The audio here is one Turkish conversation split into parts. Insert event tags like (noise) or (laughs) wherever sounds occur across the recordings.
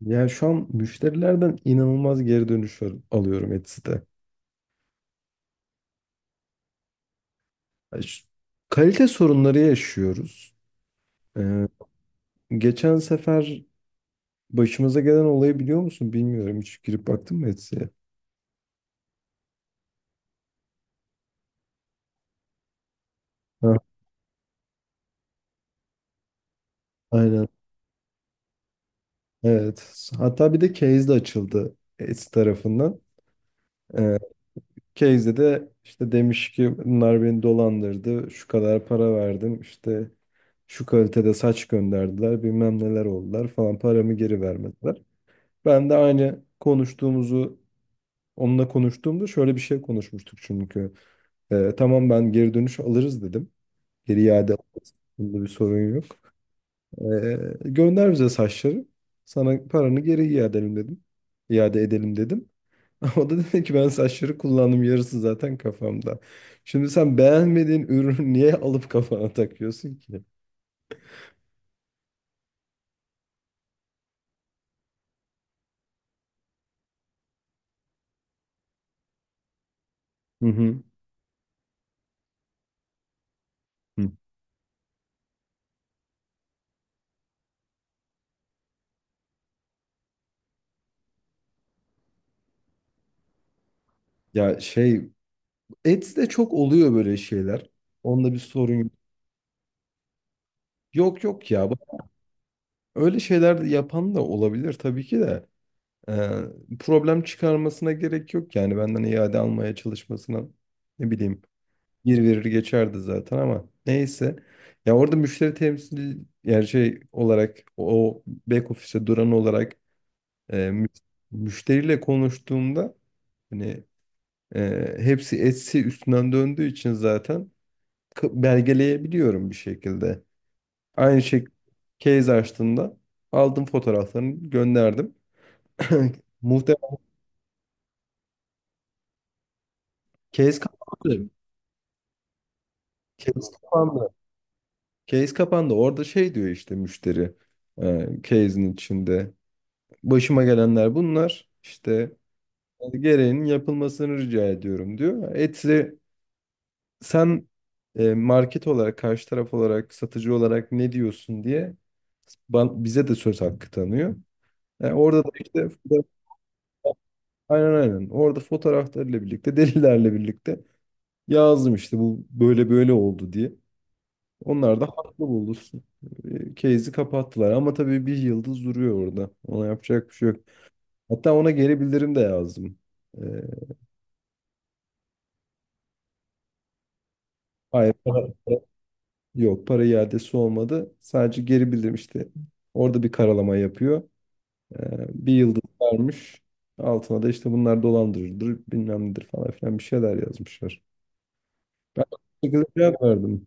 Ya şu an müşterilerden inanılmaz geri dönüş alıyorum Etsy'de. Ya şu- kalite sorunları yaşıyoruz. Ee, geçen sefer başımıza gelen olayı biliyor musun? Bilmiyorum. Hiç girip baktın mı Etsy'ye? Ha, aynen. Evet. Hatta bir de case de açıldı Etsy tarafından. Ee, case'de de işte demiş ki bunlar beni dolandırdı. Şu kadar para verdim. İşte şu kalitede saç gönderdiler. Bilmem neler oldular falan. Paramı geri vermediler. Ben de aynı konuştuğumuzu onunla konuştuğumda şöyle bir şey konuşmuştuk çünkü. Tamam ben geri dönüş alırız dedim. Geri iade alırız. Bunda bir sorun yok. Gönder bize saçları. Sana paranı geri iade edelim dedim. İade edelim dedim. (laughs) O da dedi ki ben saçları kullandım, yarısı zaten kafamda. Şimdi sen beğenmediğin ürünü (laughs) niye alıp kafana takıyorsun ki? Hı hı. Hı. Ya şey, Ets'te çok oluyor böyle şeyler. Onda bir sorun yok. Yok yok ya. Öyle şeyler de yapan da olabilir tabii ki de. Problem çıkarmasına gerek yok, yani benden iade almaya çalışmasına, ne bileyim, bir verir geçerdi zaten ama neyse. Ya orada müşteri temsil yani şey olarak, o back office'e duran olarak, e, mü- müşteriyle konuştuğumda hani hepsi etsi üstünden döndüğü için zaten belgeleyebiliyorum bir şekilde. Aynı şey, case açtığında aldım fotoğraflarını gönderdim. (laughs) Muhtemelen case kapandı. Case kapandı. Case kapandı. Orada şey diyor, işte müşteri case'in içinde. Başıma gelenler bunlar. İşte gereğinin yapılmasını rica ediyorum diyor. Etse sen, market olarak, karşı taraf olarak, satıcı olarak ne diyorsun diye bize de söz hakkı tanıyor. Yani orada da işte foto-, aynen, aynen. Orada fotoğraflarıyla birlikte, delillerle birlikte yazdım işte bu böyle böyle oldu diye. Onlar da haklı bulursun. E, case'i kapattılar ama tabii bir yıldız duruyor orada. Ona yapacak bir şey yok. Hatta ona geri bildirim de yazdım. Ee, hayır para, yok, para iadesi olmadı. Sadece geri bildirim işte. Orada bir karalama yapıyor. Bir yıldız vermiş. Altına da işte bunlar dolandırıcıdır bilmem nedir falan filan bir şeyler yazmışlar. Ben de aynı şekilde cevap verdim.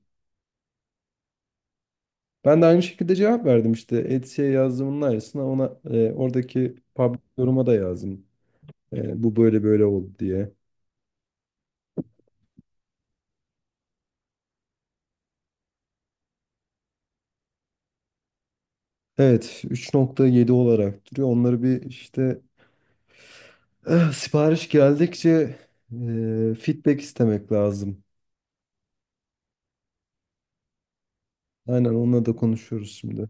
Ben de aynı şekilde cevap verdim işte. Etsy'ye yazdığımın aynısını ona, oradaki public yoruma da yazdım. E, bu böyle böyle oldu diye. Evet, 3.7 olarak duruyor. Onları bir işte sipariş geldikçe feedback istemek lazım. Aynen, onunla da konuşuyoruz şimdi.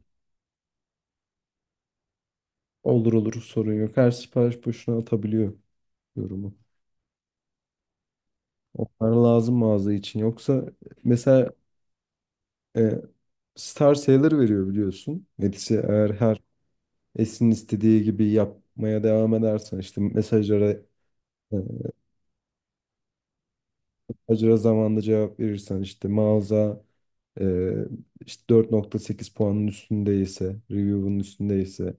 Olur olur, sorun yok. Her sipariş boşuna atabiliyor yorumu. Onlar lazım mağaza için. Yoksa mesela, e, Star Sailor veriyor biliyorsun. Metis'e, eğer her Esin'in istediği gibi yapmaya devam edersen, işte mesajlara e, acıra zamanında cevap verirsen, işte mağaza, Ee, işte 4.8 puanın üstündeyse, review'un üstündeyse,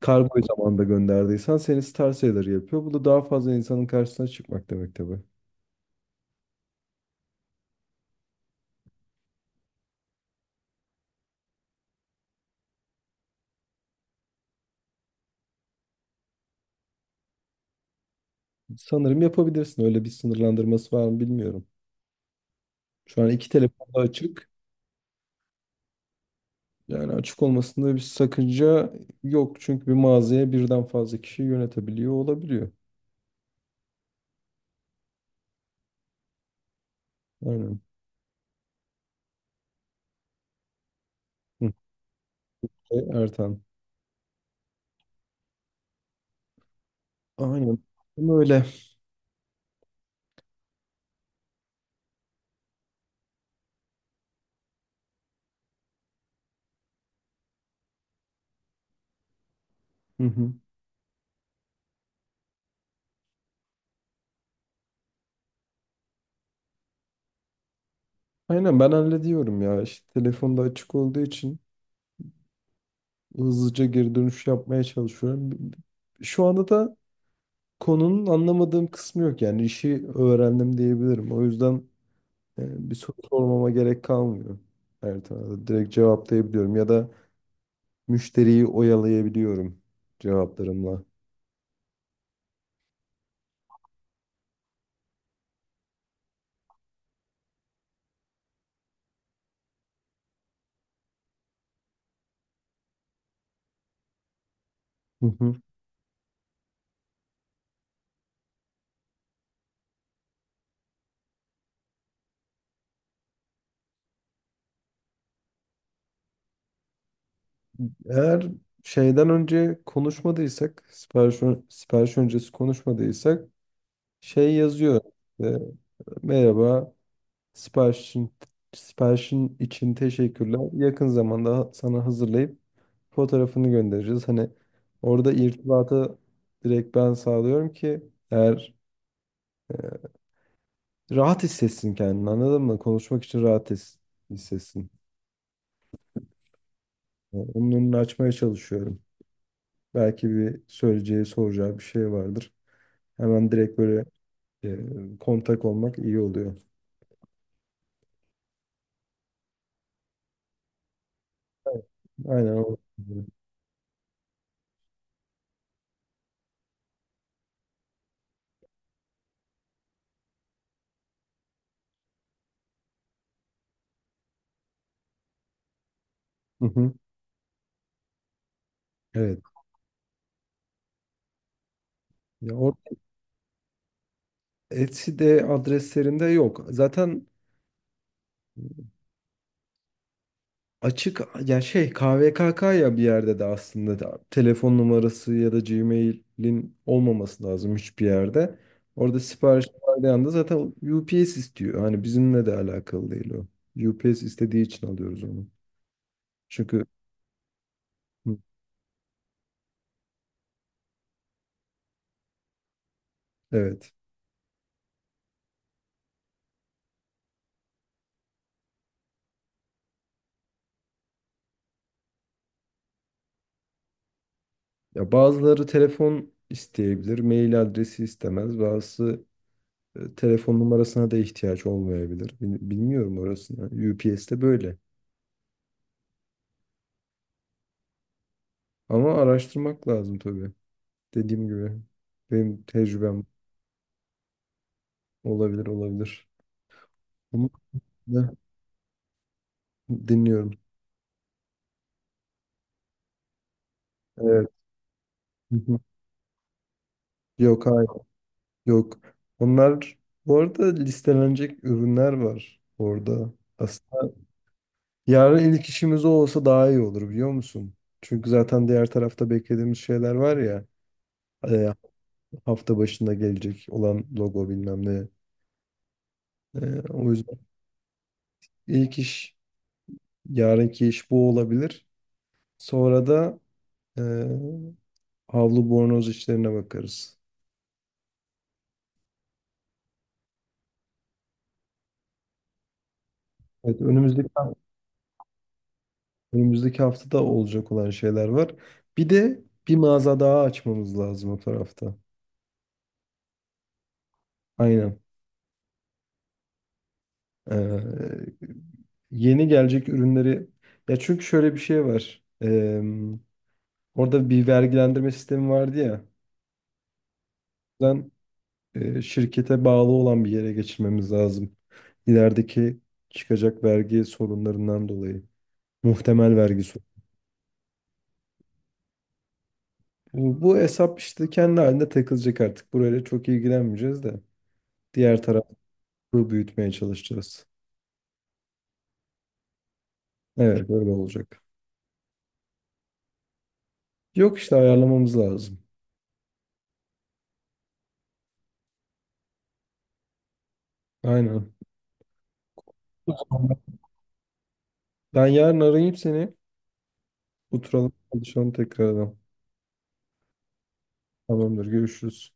kargoyu zamanında gönderdiysen seni star seller yapıyor. Bu da daha fazla insanın karşısına çıkmak demek tabii. Sanırım yapabilirsin. Öyle bir sınırlandırması var mı bilmiyorum. Şu an iki telefonda açık. Yani açık olmasında bir sakınca yok. Çünkü bir mağazaya birden fazla kişi yönetebiliyor olabiliyor. Aynen. Hı. E, Ertan. Aynen. Ama öyle. Hı hı. Aynen ben hallediyorum ya. İşte telefonda açık olduğu için hızlıca geri dönüş yapmaya çalışıyorum. Şu anda da konunun anlamadığım kısmı yok. Yani işi öğrendim diyebilirim. O yüzden bir soru sormama gerek kalmıyor. Her tarafa direkt cevaplayabiliyorum ya da müşteriyi oyalayabiliyorum cevaplarımla. Hı hı. Eğer şeyden önce konuşmadıysak, sipariş, sipariş öncesi konuşmadıysak şey yazıyor. E, merhaba. Siparişin, siparişin için teşekkürler. Yakın zamanda sana hazırlayıp fotoğrafını göndereceğiz. Hani orada irtibatı direkt ben sağlıyorum ki, eğer e, rahat hissetsin kendini, anladın mı? Konuşmak için hissetsin. Yani onun önünü açmaya çalışıyorum. Belki bir söyleyeceği, soracağı bir şey vardır. Hemen direkt böyle kontak olmak iyi oluyor. Aynen o. Hı hı. Evet. Ya or, Etsy'de adreslerinde yok. Zaten açık ya şey, KVKK, ya bir yerde de aslında da telefon numarası ya da Gmail'in olmaması lazım hiçbir yerde. Orada sipariş verdiği anda zaten UPS istiyor. Hani bizimle de alakalı değil o. UPS istediği için alıyoruz onu. Çünkü hı, evet. Ya bazıları telefon isteyebilir, mail adresi istemez. Bazısı telefon numarasına da ihtiyaç olmayabilir. Bilmiyorum orasını. UPS'te böyle. Ama araştırmak lazım tabii. Dediğim gibi benim tecrübem, olabilir olabilir. Bunu da dinliyorum. Evet. Hı hı. Yok, hayır. Yok. Onlar bu arada listelenecek ürünler var orada. Aslında yarın ilk işimiz o olsa daha iyi olur biliyor musun? Çünkü zaten diğer tarafta beklediğimiz şeyler var ya, e, hafta başında gelecek olan logo bilmem ne. E, o yüzden ilk iş, yarınki iş bu olabilir. Sonra da e, havlu bornoz işlerine bakarız. Evet, önümüzdeki haftada olacak olan şeyler var. Bir de bir mağaza daha açmamız lazım o tarafta. Aynen. Ee, yeni gelecek ürünleri, ya çünkü şöyle bir şey var. Orada bir vergilendirme sistemi vardı ya. Ben, şirkete bağlı olan bir yere geçirmemiz lazım. İlerideki çıkacak vergi sorunlarından dolayı. Muhtemel vergi sorunlarından. Bu hesap işte kendi halinde takılacak artık. Burayla çok ilgilenmeyeceğiz de. Diğer tarafı büyütmeye çalışacağız. Evet böyle olacak. Yok işte ayarlamamız lazım. Aynen. O zaman ben yarın arayayım seni. Oturalım konuşalım tekrardan. Tamamdır, görüşürüz.